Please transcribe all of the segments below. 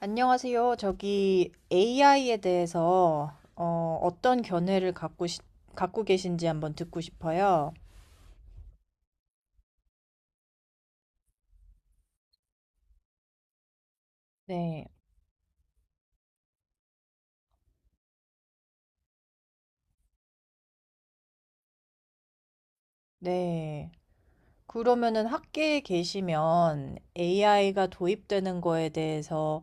안녕하세요. 저기 AI에 대해서 어떤 견해를 갖고, 갖고 계신지 한번 듣고 싶어요. 네, 네. 그러면은 학계에 계시면 AI가 도입되는 거에 대해서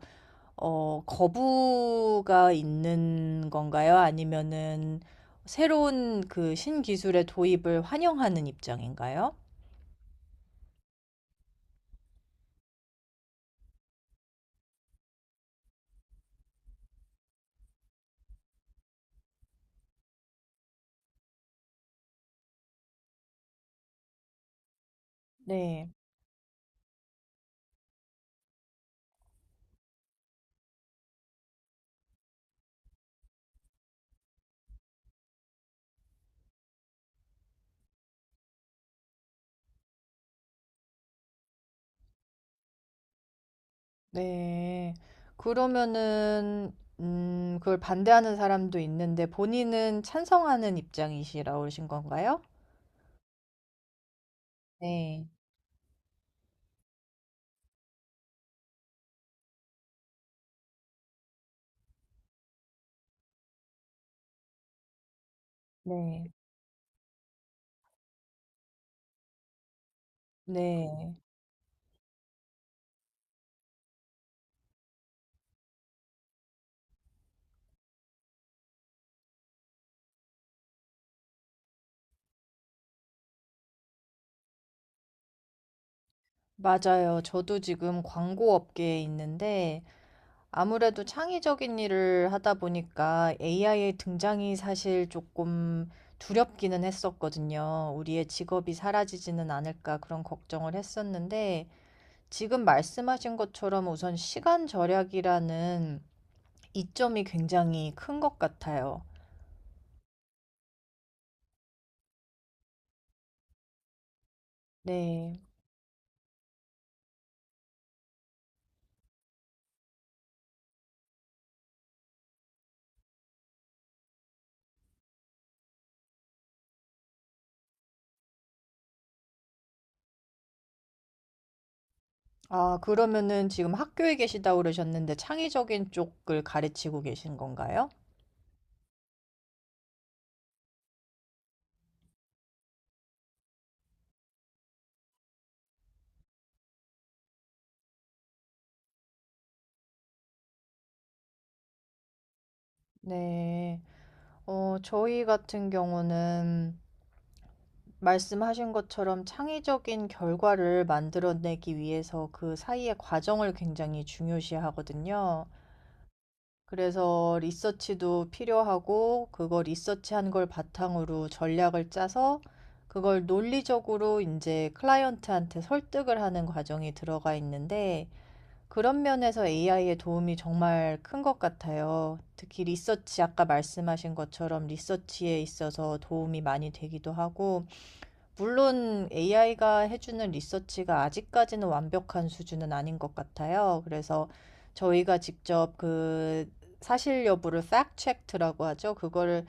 거부가 있는 건가요? 아니면은 새로운 그 신기술의 도입을 환영하는 입장인가요? 네. 네. 그러면은 그걸 반대하는 사람도 있는데 본인은 찬성하는 입장이시라 오신 건가요? 네. 네. 네. 맞아요. 저도 지금 광고 업계에 있는데 아무래도 창의적인 일을 하다 보니까 AI의 등장이 사실 조금 두렵기는 했었거든요. 우리의 직업이 사라지지는 않을까 그런 걱정을 했었는데 지금 말씀하신 것처럼 우선 시간 절약이라는 이점이 굉장히 큰 것 같아요. 네. 아, 그러면은 지금 학교에 계시다고 그러셨는데 창의적인 쪽을 가르치고 계신 건가요? 네. 저희 같은 경우는 말씀하신 것처럼 창의적인 결과를 만들어내기 위해서 그 사이의 과정을 굉장히 중요시하거든요. 그래서 리서치도 필요하고 그거 리서치한 걸 바탕으로 전략을 짜서 그걸 논리적으로 이제 클라이언트한테 설득을 하는 과정이 들어가 있는데 그런 면에서 AI의 도움이 정말 큰 것 같아요. 특히 리서치, 아까 말씀하신 것처럼 리서치에 있어서 도움이 많이 되기도 하고 물론 AI가 해주는 리서치가 아직까지는 완벽한 수준은 아닌 것 같아요. 그래서 저희가 직접 그 사실 여부를 Fact check 라고 하죠. 그거를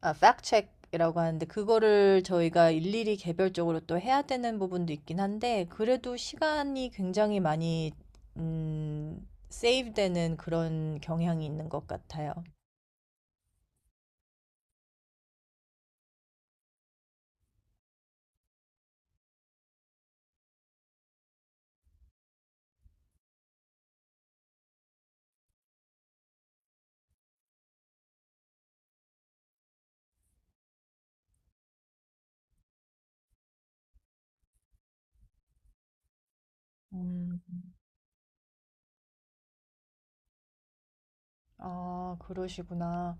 아, e c k 이라고 하는데 그거를 저희가 일일이 개별적으로 또 해야 되는 부분도 있긴 한데 그래도 시간이 굉장히 많이 음, 세이브되는 그런 경향이 있는 것 같아요. 음, 아, 그러시구나.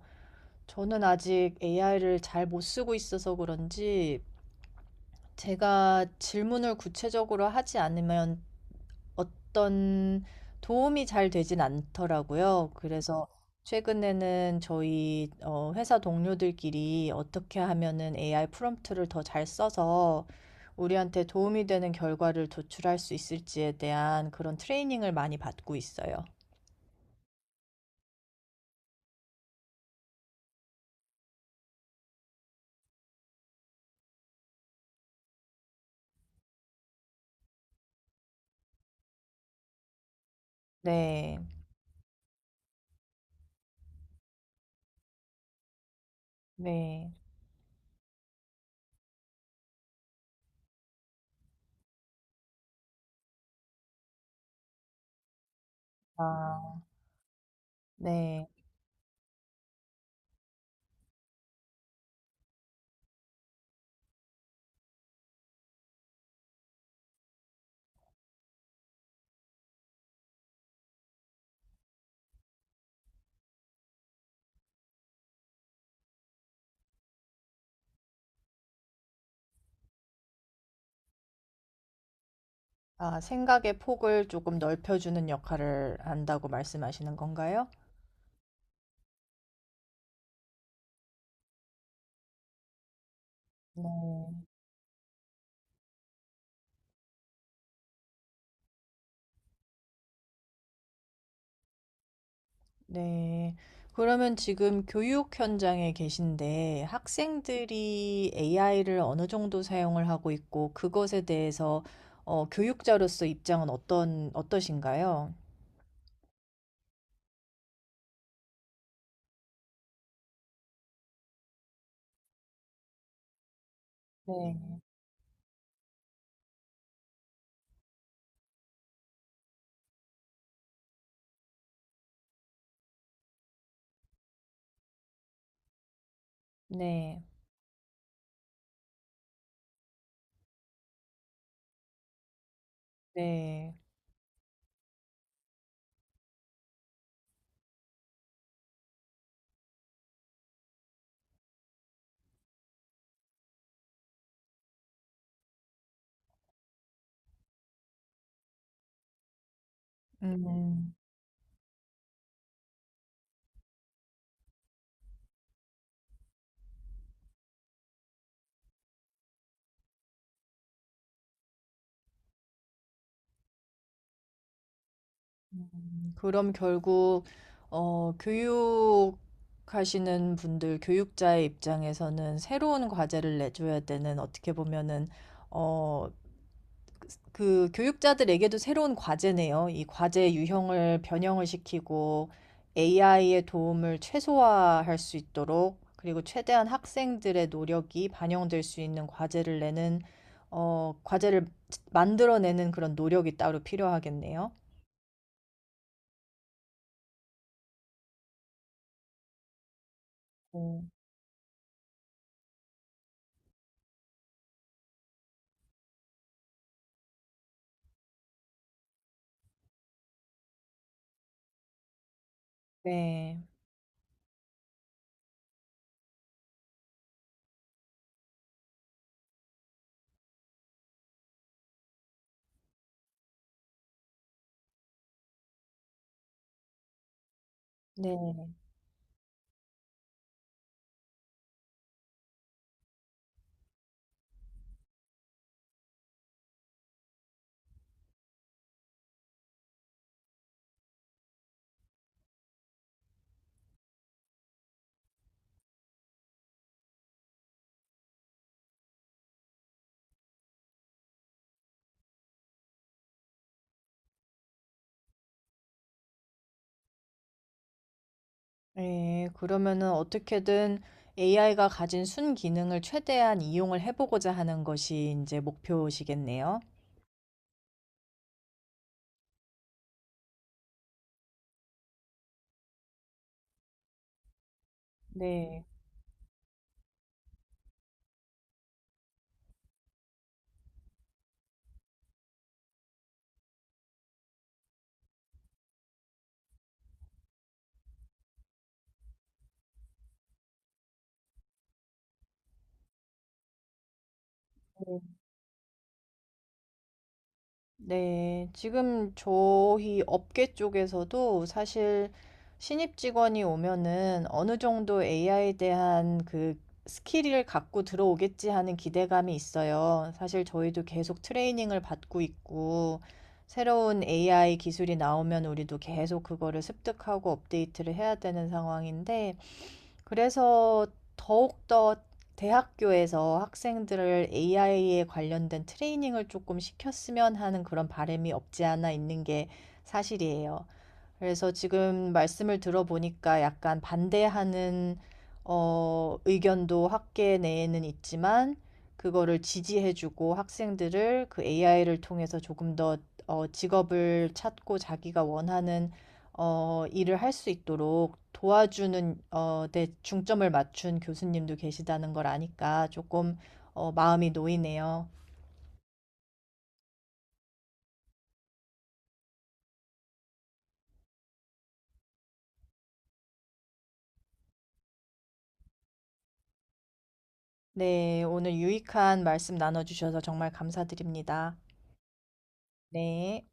저는 아직 AI를 잘 못 쓰고 있어서 그런지 제가 질문을 구체적으로 하지 않으면 어떤 도움이 잘 되진 않더라고요. 그래서 최근에는 저희 회사 동료들끼리 어떻게 하면은 AI 프롬프트를 더 잘 써서 우리한테 도움이 되는 결과를 도출할 수 있을지에 대한 그런 트레이닝을 많이 받고 있어요. 네, 네, 아, 네. 아 생각의 폭을 조금 넓혀주는 역할을 한다고 말씀하시는 건가요? 어. 네. 그러면 지금 교육 현장에 계신데 학생들이 AI를 어느 정도 사용을 하고 있고 그것에 대해서 교육자로서 입장은 어떤 어떠신가요? 네. 네. 네. 음. 그럼 결국 교육하시는 분들, 교육자의 입장에서는 새로운 과제를 내줘야 되는 어떻게 보면은 어, 그 교육자들에게도 새로운 과제네요. 이 과제 유형을 변형을 시키고 AI의 도움을 최소화할 수 있도록 그리고 최대한 학생들의 노력이 반영될 수 있는 과제를 내는 과제를 만들어내는 그런 노력이 따로 필요하겠네요. 음, 네. 네. 네, 그러면은 어떻게든 AI가 가진 순기능을 최대한 이용을 해 보고자 하는 것이 이제 목표시겠네요. 네. 네. 지금 저희 업계 쪽에서도 사실 신입 직원이 오면은 어느 정도 AI에 대한 그 스킬을 갖고 들어오겠지 하는 기대감이 있어요. 사실 저희도 계속 트레이닝을 받고 있고 새로운 AI 기술이 나오면 우리도 계속 그거를 습득하고 업데이트를 해야 되는 상황인데 그래서 더욱더 대학교에서 학생들을 AI에 관련된 트레이닝을 조금 시켰으면 하는 그런 바람이 없지 않아 있는 게 사실이에요. 그래서 지금 말씀을 들어보니까 약간 반대하는 의견도 학계 내에는 있지만 그거를 지지해주고 학생들을 그 AI를 통해서 조금 더 직업을 찾고 자기가 원하는 일을 할 수 있도록 도와주는 데 중점을 맞춘 교수님도 계시다는 걸 아니까 조금 마음이 놓이네요. 네, 오늘 유익한 말씀 나눠주셔서 정말 감사드립니다. 네.